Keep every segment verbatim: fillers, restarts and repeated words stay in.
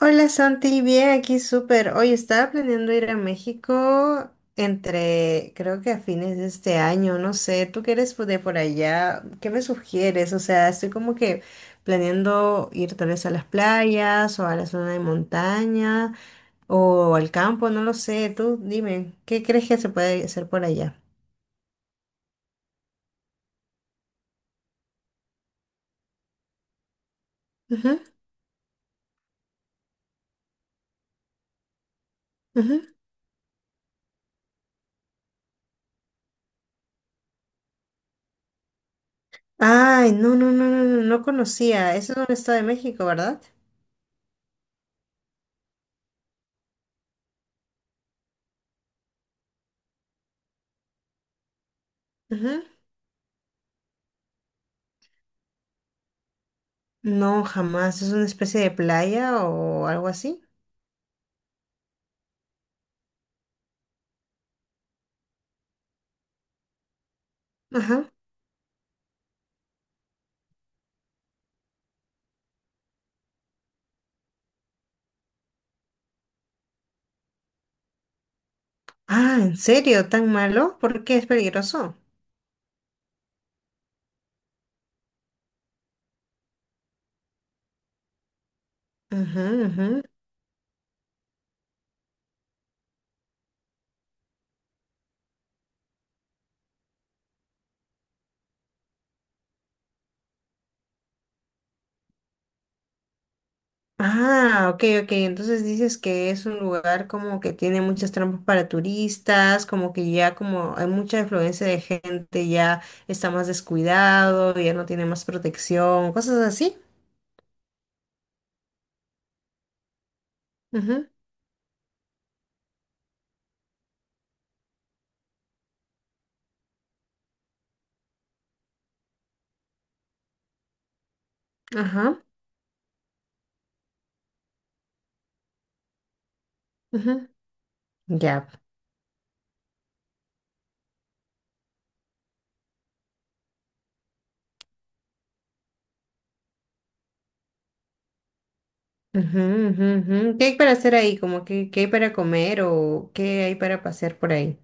Hola Santi, bien, aquí súper. Hoy estaba planeando ir a México entre, creo que a fines de este año, no sé, tú que eres po- de por allá, ¿qué me sugieres? O sea, estoy como que planeando ir tal vez a las playas o a la zona de montaña o al campo, no lo sé, tú dime, ¿qué crees que se puede hacer por allá? Ujú, ujú. Ay, no, no, no, no, no, no conocía, eso es un estado de México, ¿verdad? No, jamás. ¿Es una especie de playa o algo así? Ajá. Ah, ¿en serio? ¿Tan malo? ¿Por qué es peligroso? Ujú, ujú. Ah, ok, ok. Entonces dices que es un lugar como que tiene muchas trampas para turistas, como que ya como hay mucha influencia de gente, ya está más descuidado, ya no tiene más protección, cosas así. Ujú, ajá, ujú. Ya. Ujú, ujú, ujú. ¿Qué hay para hacer ahí? Como que, ¿qué hay para comer o qué hay para pasear por ahí?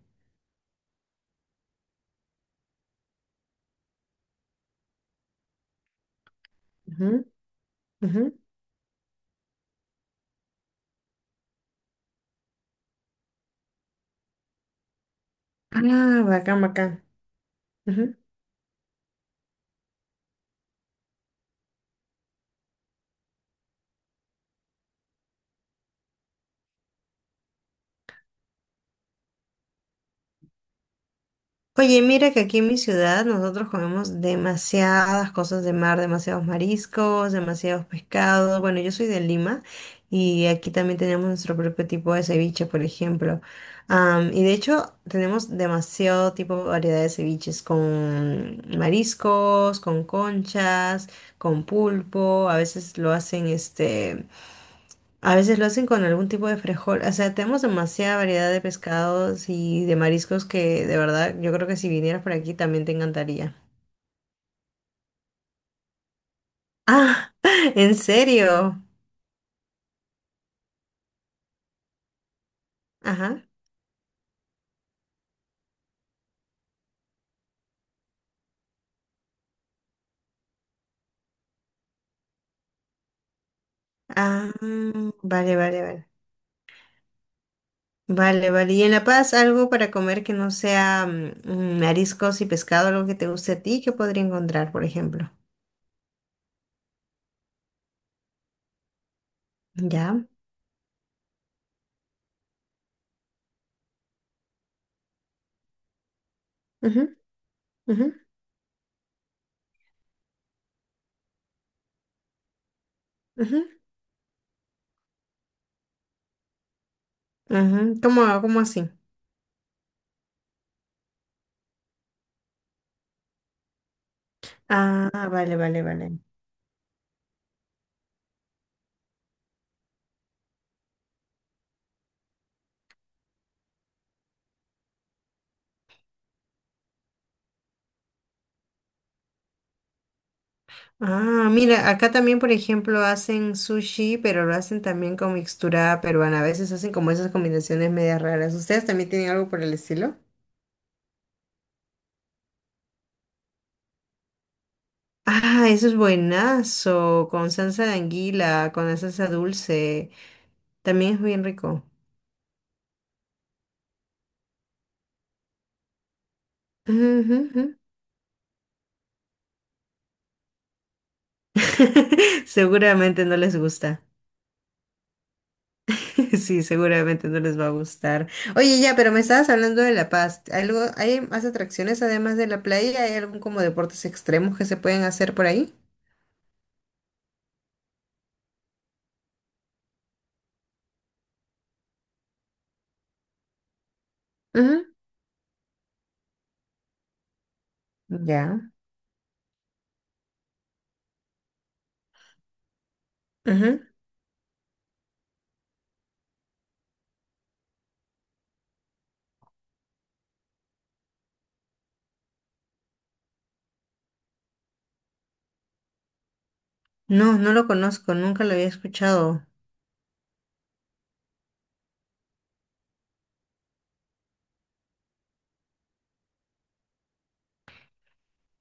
Ujú, ujú. Ah, bacán, bacán. Ujú. Oye, mira que aquí en mi ciudad nosotros comemos demasiadas cosas de mar, demasiados mariscos, demasiados pescados. Bueno, yo soy de Lima y aquí también tenemos nuestro propio tipo de ceviche, por ejemplo. Am, y de hecho tenemos demasiado tipo de variedad de ceviches con mariscos, con conchas, con pulpo. A veces lo hacen este A veces lo hacen con algún tipo de frijol. O sea, tenemos demasiada variedad de pescados y de mariscos que de verdad yo creo que si vinieras por aquí también te encantaría. Ah, ¿en serio? Ajá. Ah, vale, vale, vale. Vale, vale. ¿Y en La Paz algo para comer que no sea mm, mariscos y pescado, algo que te guste a ti, que podría encontrar, por ejemplo? Ya. Ujú, ujú, ujú, ujú. ¿Cómo, cómo así? Ah, vale, vale, vale. Ah, mira, acá también, por ejemplo, hacen sushi, pero lo hacen también con mixtura peruana. A veces hacen como esas combinaciones medias raras. ¿Ustedes también tienen algo por el estilo? Ah, eso es buenazo, con salsa de anguila, con la salsa dulce. También es bien rico. Ujú, ujú. Seguramente no les gusta. Sí, seguramente no les va a gustar. Oye, ya, pero me estabas hablando de La Paz. ¿Algo, hay más atracciones además de la playa? ¿Hay algún como deportes extremos que se pueden hacer por ahí? Ya. Ujú. No, no lo conozco, nunca lo había escuchado.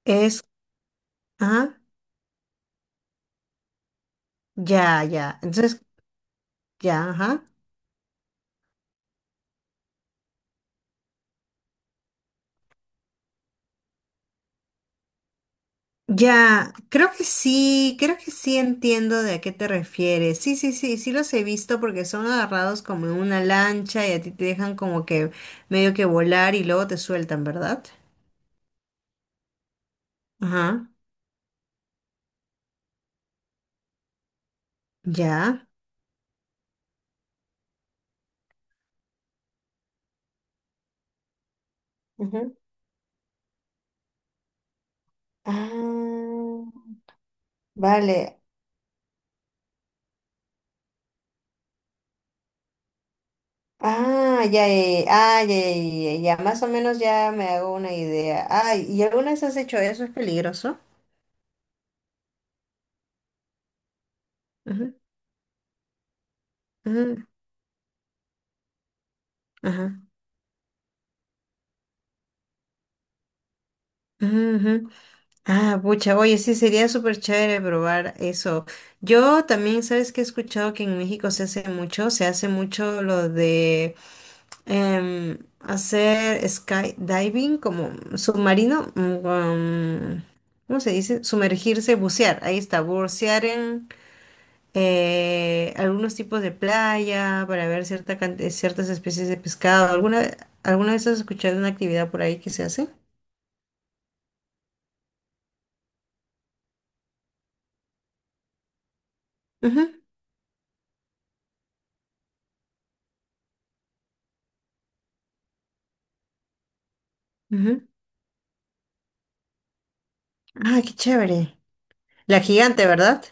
Es, ajá, ya, ya. Entonces, ya, ajá. Ya, creo que sí, creo que sí entiendo de a qué te refieres. Sí, sí, sí, sí los he visto porque son agarrados como en una lancha y a ti te dejan como que medio que volar y luego te sueltan, ¿verdad? Ajá, ya. Ujú. Ah, vale. Ah, ya, ya, ya, ah, ya, ya, ya, ya, más o menos ya me hago una idea. Ay, ¿y alguna vez has hecho eso? ¿Es peligroso? Ujú, ujú, ajá, ujú, ujú. Ah, pucha, oye, sí, sería súper chévere probar eso. Yo también, ¿sabes que he escuchado que en México se hace mucho, se hace mucho lo de em, hacer skydiving como submarino, mm, um, ¿cómo se dice? Sumergirse, bucear, ahí está, bucear en eh, algunos tipos de playa para ver cierta cante- ciertas especies de pescado. ¿Alguna, alguna vez has escuchado una actividad por ahí que se hace? Ujú, ujú. Ah, qué chévere. La gigante, ¿verdad?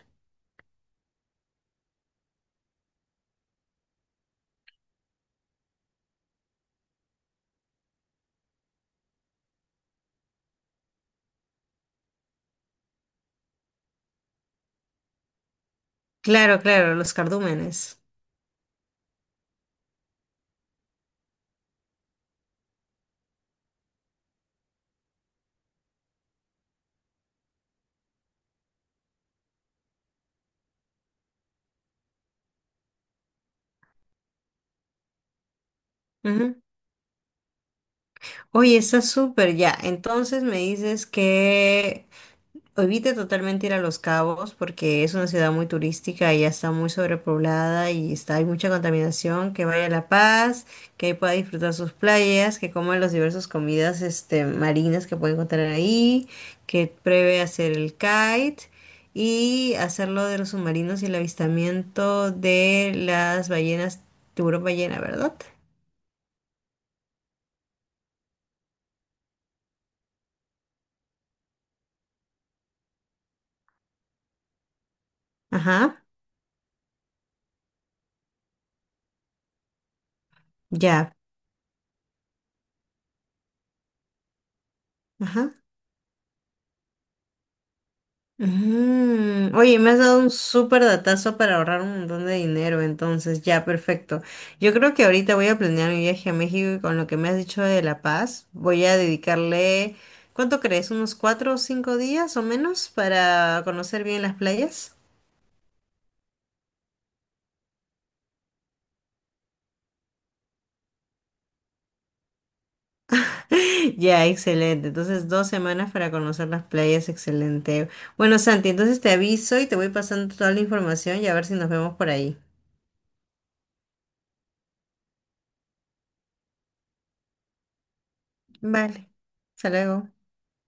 Claro, claro, los cardúmenes. Ujú. Oye, está súper ya. Entonces me dices que evite totalmente ir a Los Cabos porque es una ciudad muy turística y ya está muy sobrepoblada y está, hay mucha contaminación. Que vaya a La Paz, que ahí pueda disfrutar sus playas, que coma las diversas comidas este, marinas que puede encontrar ahí, que pruebe hacer el kite y hacer lo de los submarinos y el avistamiento de las ballenas, tiburón ballena, ¿verdad? Ajá, ya, ajá. Mm, oye, me has dado un súper datazo para ahorrar un montón de dinero, entonces ya, perfecto. Yo creo que ahorita voy a planear mi viaje a México y con lo que me has dicho de La Paz, voy a dedicarle, ¿cuánto crees? ¿Unos cuatro o cinco días o menos para conocer bien las playas? Ya, excelente. Entonces, dos semanas para conocer las playas, excelente. Bueno, Santi, entonces te aviso y te voy pasando toda la información y a ver si nos vemos por ahí. Vale, hasta luego.